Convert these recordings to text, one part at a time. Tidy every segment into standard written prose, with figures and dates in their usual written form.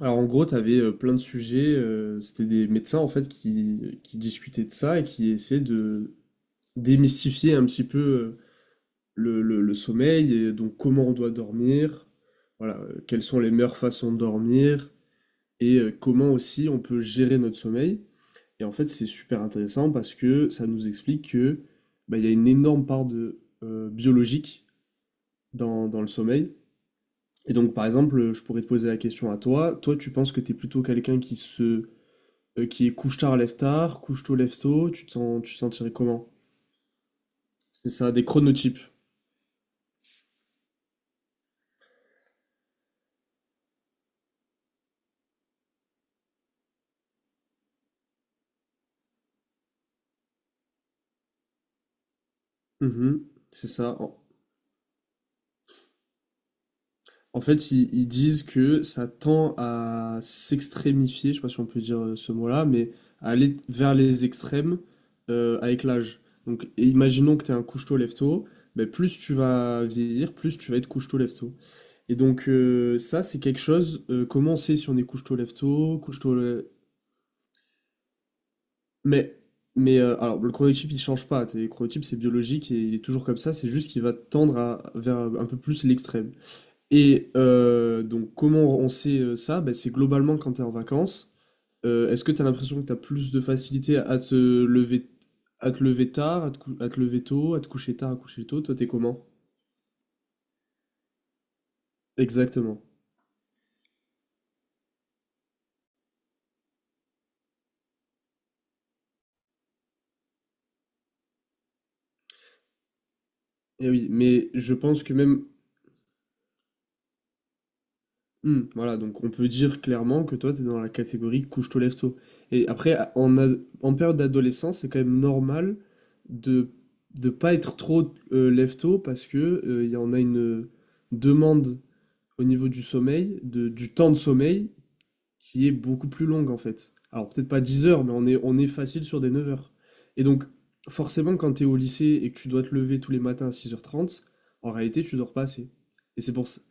Alors en gros, tu avais plein de sujets, c'était des médecins en fait qui discutaient de ça et qui essayaient de démystifier un petit peu le sommeil et donc comment on doit dormir, voilà, quelles sont les meilleures façons de dormir et comment aussi on peut gérer notre sommeil. Et en fait, c'est super intéressant parce que ça nous explique que bah, il y a une énorme part de biologique dans le sommeil. Et donc par exemple, je pourrais te poser la question à toi, toi tu penses que tu es plutôt quelqu'un qui se qui est couche-tard, lève-tard, couche-tôt, lève-tôt, tu te sentirais comment? C'est ça, des chronotypes. Mhm, c'est ça. En fait, ils disent que ça tend à s'extrémifier, je sais pas si on peut dire ce mot-là, mais à aller vers les extrêmes avec l'âge. Donc, et imaginons que tu es un couche-tôt, lève-tôt, mais plus tu vas vieillir, plus tu vas être couche-tôt, lève-tôt. Et donc, ça, c'est quelque chose, comment on sait si on est couche-tôt, lève-tôt, couche-tôt. Mais, mais alors, le chronotype, il change pas. Le chronotype, c'est biologique et il est toujours comme ça. C'est juste qu'il va tendre vers un peu plus l'extrême. Et donc, comment on sait ça? Ben, c'est globalement quand t'es en vacances. Est-ce que t'as l'impression que t'as plus de facilité à te lever tard, à te lever tôt, à te coucher tard, à coucher tôt? Toi, t'es comment? Exactement. Et oui, mais je pense que même. Mmh, voilà, donc on peut dire clairement que toi, tu es dans la catégorie couche-tôt, lève-tôt. Et après, en période d'adolescence, c'est quand même normal de pas être trop lève-tôt parce que il y en a une demande au niveau du sommeil, du temps de sommeil, qui est beaucoup plus longue en fait. Alors peut-être pas 10 heures, mais on est facile sur des 9 heures. Et donc, forcément, quand tu es au lycée et que tu dois te lever tous les matins à 6h30, en réalité, tu dors pas assez. Et c'est pour ça.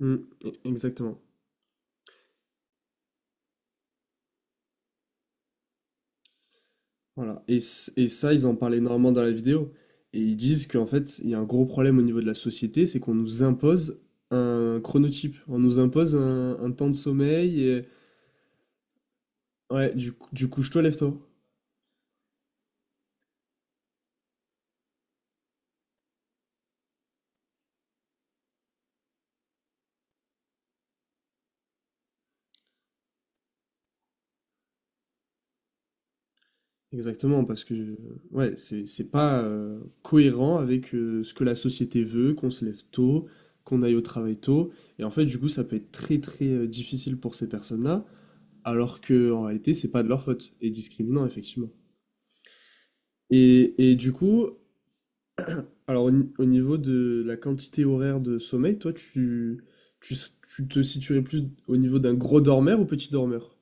Mm, Exactement. Voilà. Et ça, ils en parlent énormément dans la vidéo. Et ils disent qu'en fait, il y a un gros problème au niveau de la société, c'est qu'on nous impose un chronotype. On nous impose un temps de sommeil. Et... Ouais, du couche-toi, lève-toi. Exactement, parce que ouais, c'est pas cohérent avec ce que la société veut, qu'on se lève tôt, qu'on aille au travail tôt. Et en fait, du coup, ça peut être très très difficile pour ces personnes-là, alors que en réalité, c'est pas de leur faute. Et discriminant, effectivement. Et, et du coup, Alors, au, ni- au niveau de la quantité horaire de sommeil, toi, tu te situerais plus au niveau d'un gros dormeur ou petit dormeur?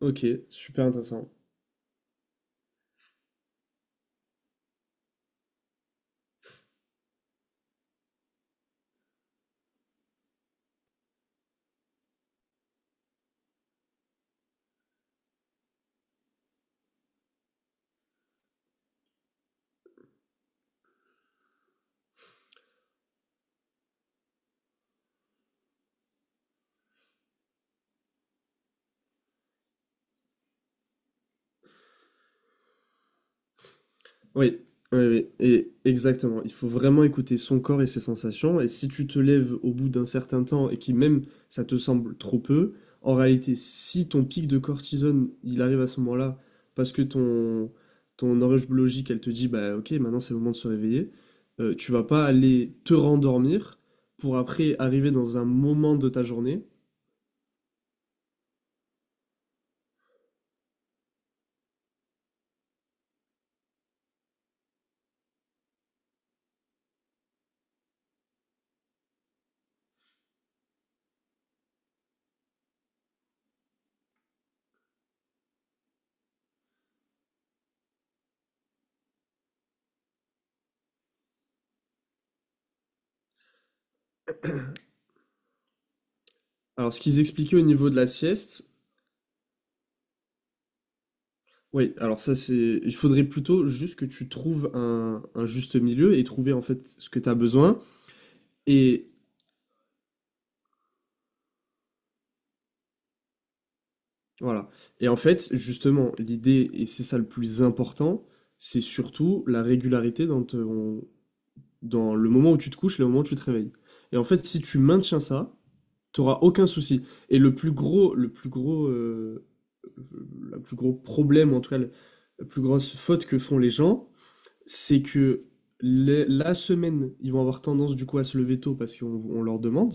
Ok, super intéressant. Oui, oui, oui, et exactement. Il faut vraiment écouter son corps et ses sensations. Et si tu te lèves au bout d'un certain temps et qui même ça te semble trop peu, en réalité, si ton pic de cortisone, il arrive à ce moment-là, parce que ton horloge biologique, elle te dit, bah ok, maintenant c'est le moment de se réveiller, tu vas pas aller te rendormir pour après arriver dans un moment de ta journée. Alors, ce qu'ils expliquaient au niveau de la sieste. Oui, alors ça c'est, il faudrait plutôt juste que tu trouves un juste milieu et trouver en fait ce que tu as besoin et voilà. Et en fait, justement, l'idée et c'est ça le plus important, c'est surtout la régularité dans dans le moment où tu te couches et le moment où tu te réveilles. Et en fait, si tu maintiens ça, tu n'auras aucun souci. Et le plus gros, le plus gros, le plus gros problème, en tout cas, la plus grosse faute que font les gens, c'est que la semaine, ils vont avoir tendance du coup à se lever tôt parce qu'on on leur demande.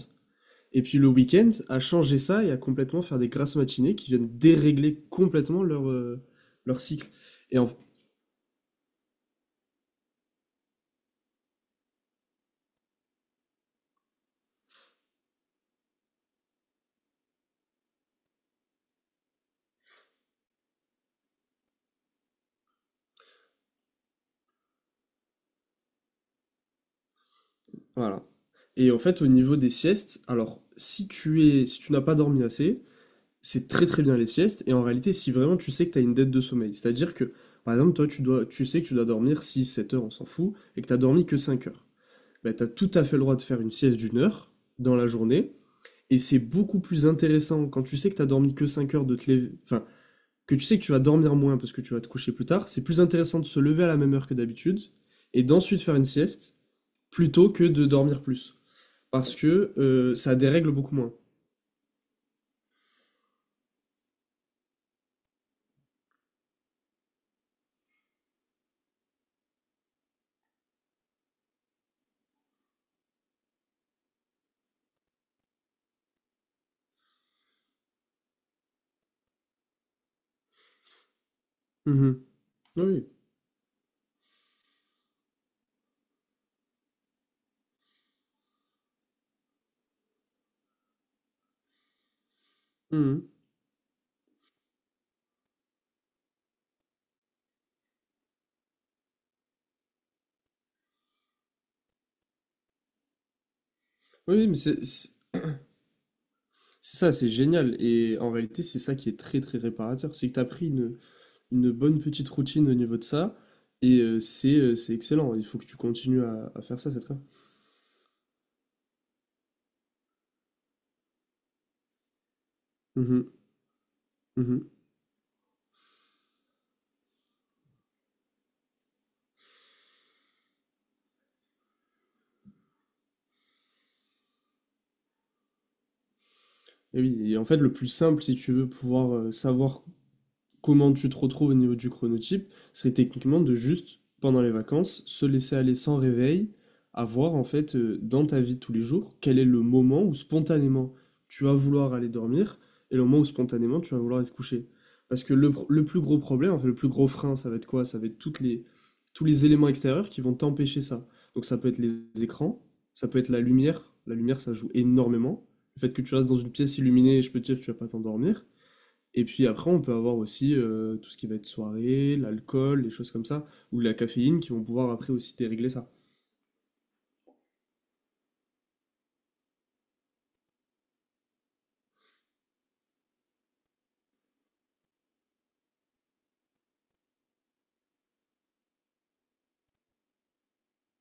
Et puis le week-end, à changer ça et à complètement faire des grasses matinées qui viennent dérégler complètement leur cycle. Et en, voilà. Et en fait, au niveau des siestes, alors si tu es, si tu n'as pas dormi assez, c'est très très bien les siestes. Et en réalité, si vraiment tu sais que tu as une dette de sommeil, c'est-à-dire que par exemple, toi, tu dois, tu sais que tu dois dormir 6-7 heures, on s'en fout, et que tu as dormi que 5 heures. Bah, tu as tout à fait le droit de faire une sieste d'1 heure dans la journée. Et c'est beaucoup plus intéressant quand tu sais que t'as dormi que 5 heures de te lever, enfin, que tu sais que tu vas dormir moins parce que tu vas te coucher plus tard, c'est plus intéressant de se lever à la même heure que d'habitude et d'ensuite faire une sieste plutôt que de dormir plus. Parce que ça dérègle beaucoup moins. Mhm. Oui. Mhm. Oui, mais c'est ça, c'est génial. Et en réalité, c'est ça qui est très très réparateur. C'est que tu as pris une bonne petite routine au niveau de ça. Et c'est excellent. Il faut que tu continues à faire ça, c'est très bien. Mhm. Mhm. Et oui, en fait, le plus simple, si tu veux pouvoir savoir comment tu te retrouves au niveau du chronotype, serait techniquement de juste, pendant les vacances, se laisser aller sans réveil, à voir en fait dans ta vie de tous les jours quel est le moment où spontanément tu vas vouloir aller dormir et le moment où spontanément tu vas vouloir aller te coucher. Parce que le plus gros problème, en fait, le plus gros frein, ça va être quoi? Ça va être tous les éléments extérieurs qui vont t'empêcher ça. Donc ça peut être les écrans, ça peut être la lumière. La lumière, ça joue énormément. Le fait que tu restes dans une pièce illuminée, je peux te dire que tu vas pas t'endormir. Et puis après, on peut avoir aussi tout ce qui va être soirée, l'alcool, les choses comme ça, ou la caféine qui vont pouvoir après aussi dérégler ça.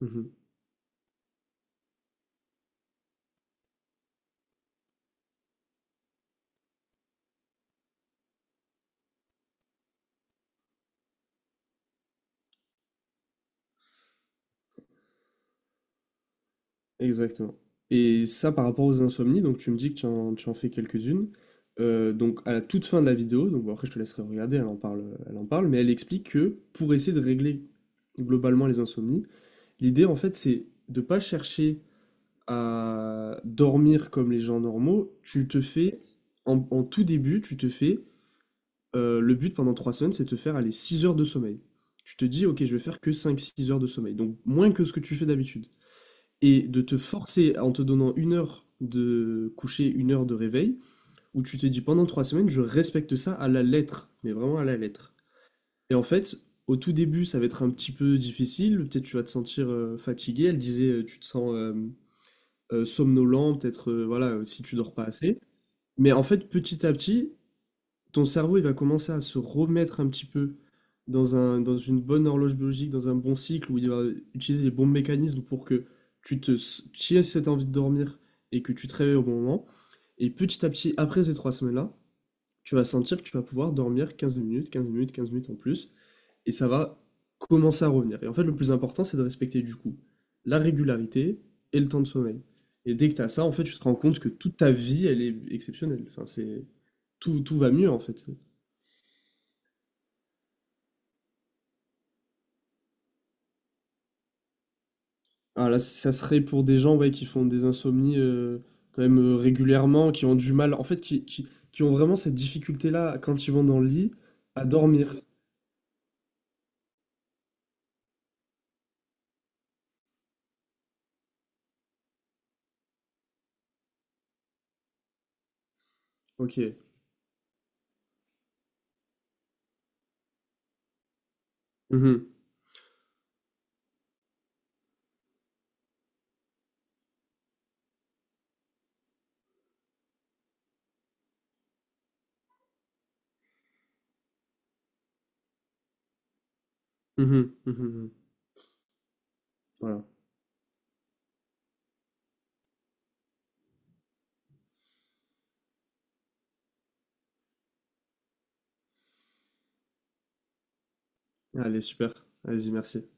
Mhm. Exactement. Et ça, par rapport aux insomnies, donc tu me dis que tu en fais quelques-unes. Donc à la toute fin de la vidéo, donc bon, après je te laisserai regarder, elle en parle, mais elle explique que pour essayer de régler globalement les insomnies, l'idée en fait c'est de pas chercher à dormir comme les gens normaux. Tu te fais en, en tout début, tu te fais Le but pendant 3 semaines, c'est de te faire aller 6 heures de sommeil. Tu te dis, ok, je vais faire que 5, 6 heures de sommeil, donc moins que ce que tu fais d'habitude. Et de te forcer en te donnant une heure de coucher, une heure de réveil, où tu te dis pendant 3 semaines, je respecte ça à la lettre, mais vraiment à la lettre. Et en fait, au tout début, ça va être un petit peu difficile, peut-être tu vas te sentir fatigué, elle disait, tu te sens somnolent, peut-être voilà, si tu dors pas assez. Mais en fait, petit à petit, ton cerveau, il va commencer à se remettre un petit peu dans un, dans une bonne horloge biologique, dans un bon cycle, où il va utiliser les bons mécanismes pour que tu aies cette envie de dormir et que tu te réveilles au bon moment. Et petit à petit, après ces 3 semaines-là, tu vas sentir que tu vas pouvoir dormir 15 minutes, 15 minutes, 15 minutes en plus, et ça va commencer à revenir. Et en fait, le plus important, c'est de respecter du coup la régularité et le temps de sommeil. Et dès que tu as ça, en fait, tu te rends compte que toute ta vie, elle est exceptionnelle. Enfin, c'est tout, tout va mieux en fait. Alors là, ça serait pour des gens ouais, qui font des insomnies quand même régulièrement, qui ont du mal, en fait, qui ont vraiment cette difficulté-là quand ils vont dans le lit à dormir. Ok. Mhm. Mhm. Mhm. Mhm. Voilà. Allez, super. Vas-y, merci.